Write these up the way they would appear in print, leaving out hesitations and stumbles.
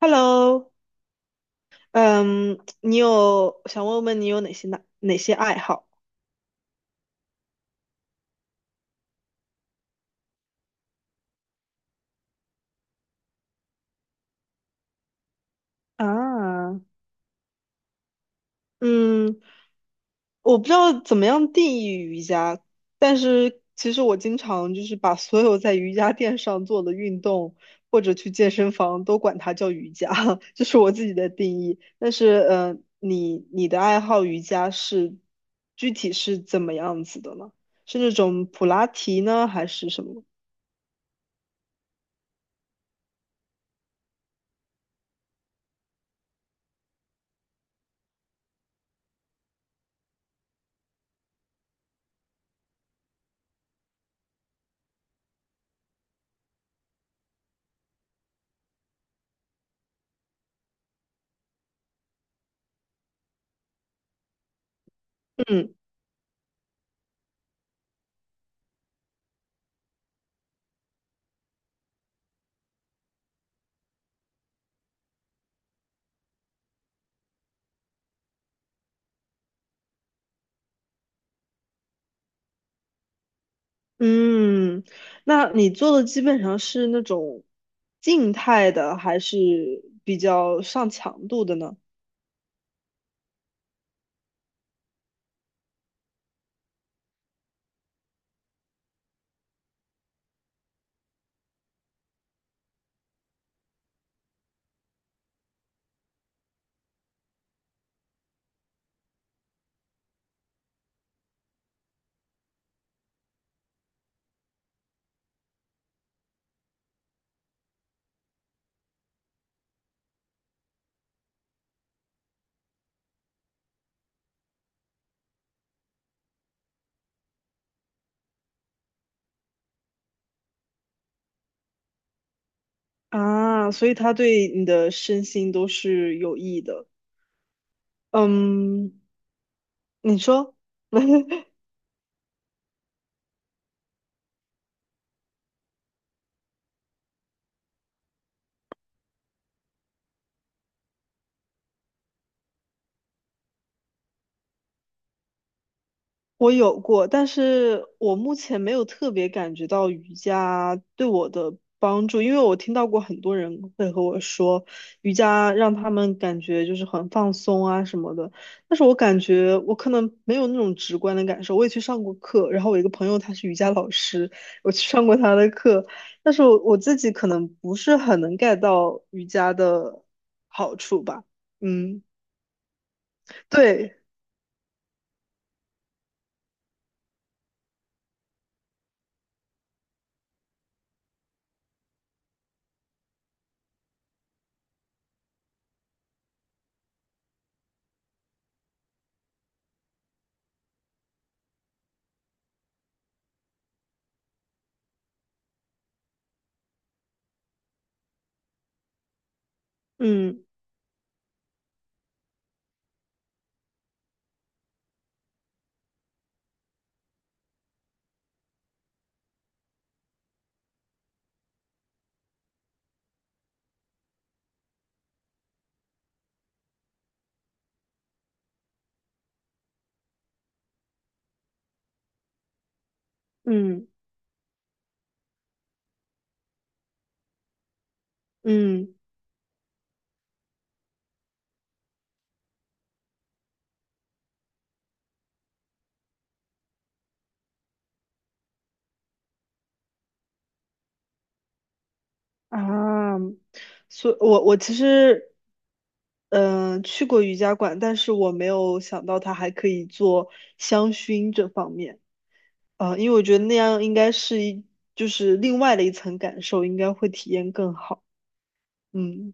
Hello，嗯，你有想问问你有哪些爱好？啊，嗯，我不知道怎么样定义瑜伽，但是其实我经常就是把所有在瑜伽垫上做的运动或者去健身房都管它叫瑜伽，这是我自己的定义。但是，你的爱好瑜伽是具体是怎么样子的呢？是那种普拉提呢，还是什么？嗯。嗯，那你做的基本上是那种静态的，还是比较上强度的呢？啊，所以它对你的身心都是有益的。嗯，你说。我有过，但是我目前没有特别感觉到瑜伽对我的帮助，因为我听到过很多人会和我说，瑜伽让他们感觉就是很放松啊什么的，但是我感觉我可能没有那种直观的感受。我也去上过课，然后我一个朋友他是瑜伽老师，我去上过他的课，但是我自己可能不是很能 get 到瑜伽的好处吧。嗯，对，嗯嗯嗯。啊，所我其实，去过瑜伽馆，但是我没有想到它还可以做香薰这方面，啊、因为我觉得那样应该是一，就是另外的一层感受，应该会体验更好。嗯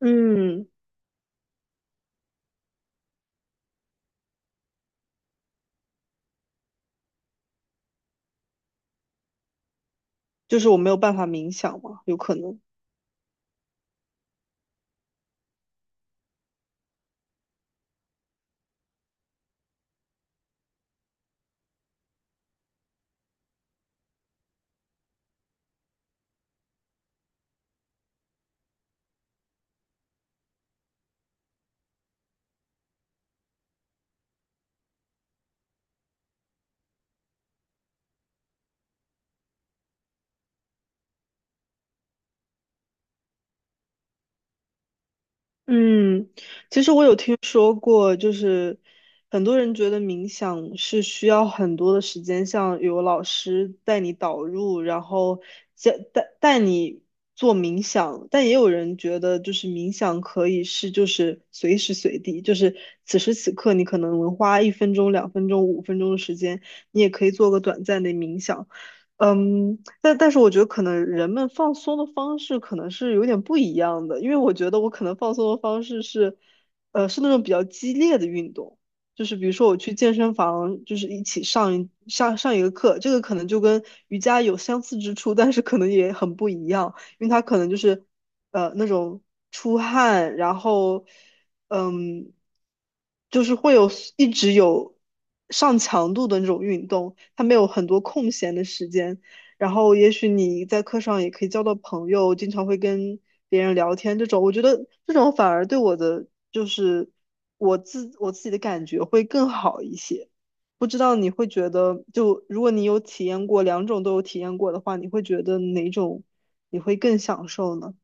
嗯，就是我没有办法冥想嘛，有可能。嗯，其实我有听说过，就是很多人觉得冥想是需要很多的时间，像有老师带你导入，然后教带你做冥想，但也有人觉得就是冥想可以是就是随时随地，就是此时此刻你可能花1分钟、2分钟、5分钟的时间，你也可以做个短暂的冥想。嗯，但是我觉得可能人们放松的方式可能是有点不一样的，因为我觉得我可能放松的方式是，是那种比较激烈的运动，就是比如说我去健身房，就是一起上一个课，这个可能就跟瑜伽有相似之处，但是可能也很不一样，因为它可能就是，那种出汗，然后嗯，就是一直有上强度的那种运动，他没有很多空闲的时间。然后也许你在课上也可以交到朋友，经常会跟别人聊天这种，我觉得这种反而对我的就是我自己的感觉会更好一些。不知道你会觉得，就如果你有体验过两种都有体验过的话，你会觉得哪种你会更享受呢？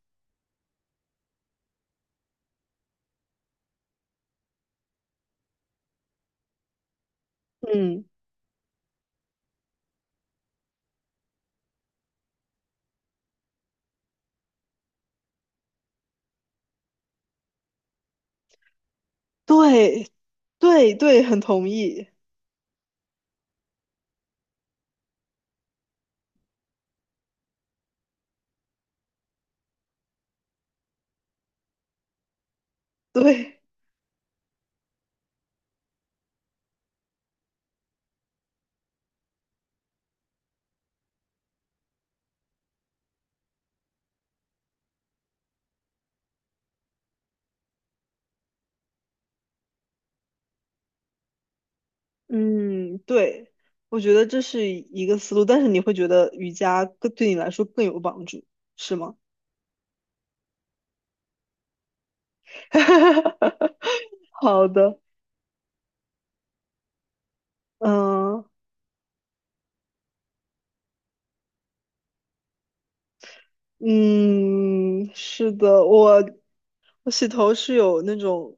嗯，对，对对，很同意。对，嗯，对，我觉得这是一个思路，但是你会觉得瑜伽更对你来说更有帮助，是吗？好的，嗯。嗯，是的，我洗头是有那种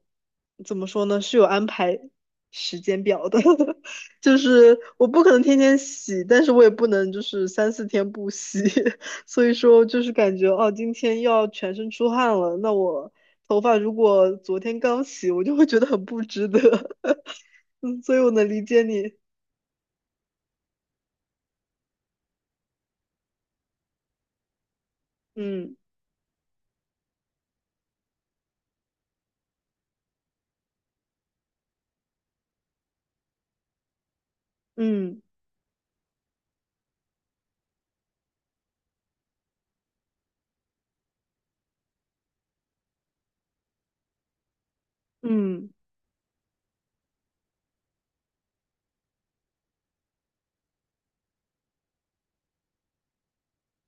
怎么说呢，是有安排时间表的，就是我不可能天天洗，但是我也不能就是三四天不洗，所以说就是感觉哦，今天要全身出汗了，那我头发如果昨天刚洗，我就会觉得很不值得，嗯，所以我能理解你，嗯嗯嗯，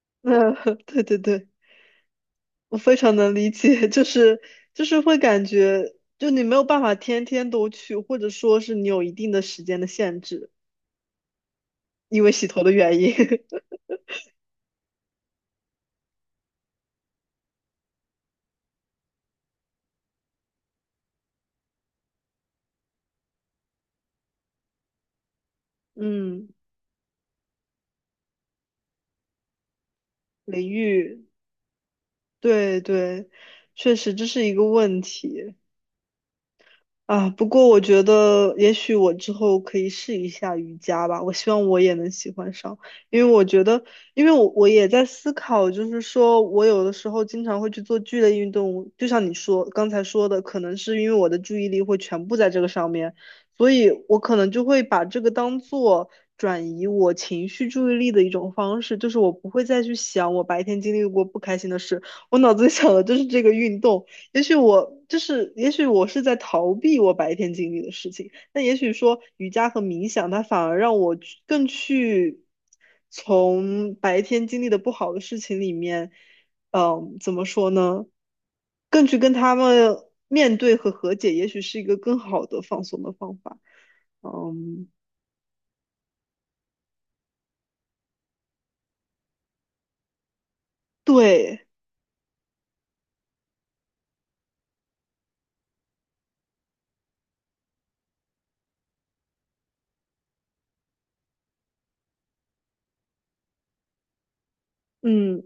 那对对对。我非常能理解，就是会感觉，就你没有办法天天都去，或者说是你有一定的时间的限制，因为洗头的原因。嗯，淋浴，对对，确实这是一个问题。啊，不过我觉得也许我之后可以试一下瑜伽吧，我希望我也能喜欢上，因为我觉得，因为我也在思考，就是说我有的时候经常会去做剧烈运动，就像你说刚才说的，可能是因为我的注意力会全部在这个上面，所以我可能就会把这个当做转移我情绪注意力的一种方式，就是我不会再去想我白天经历过不开心的事，我脑子里想的就是这个运动。也许我就是，也许我是在逃避我白天经历的事情。那也许说瑜伽和冥想，它反而让我去更去从白天经历的不好的事情里面，嗯，怎么说呢？更去跟他们面对和和解，也许是一个更好的放松的方法。嗯，对，嗯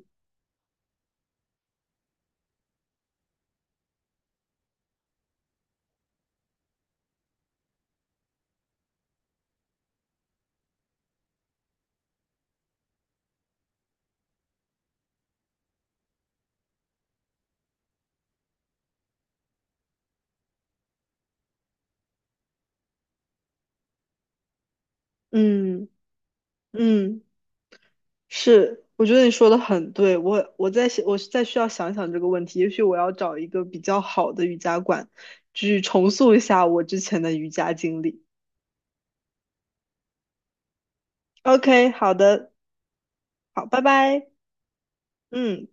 嗯嗯。是，我觉得你说的很对，我在想，我再需要想想这个问题，也许我要找一个比较好的瑜伽馆，去重塑一下我之前的瑜伽经历。OK，好的，好，拜拜，嗯。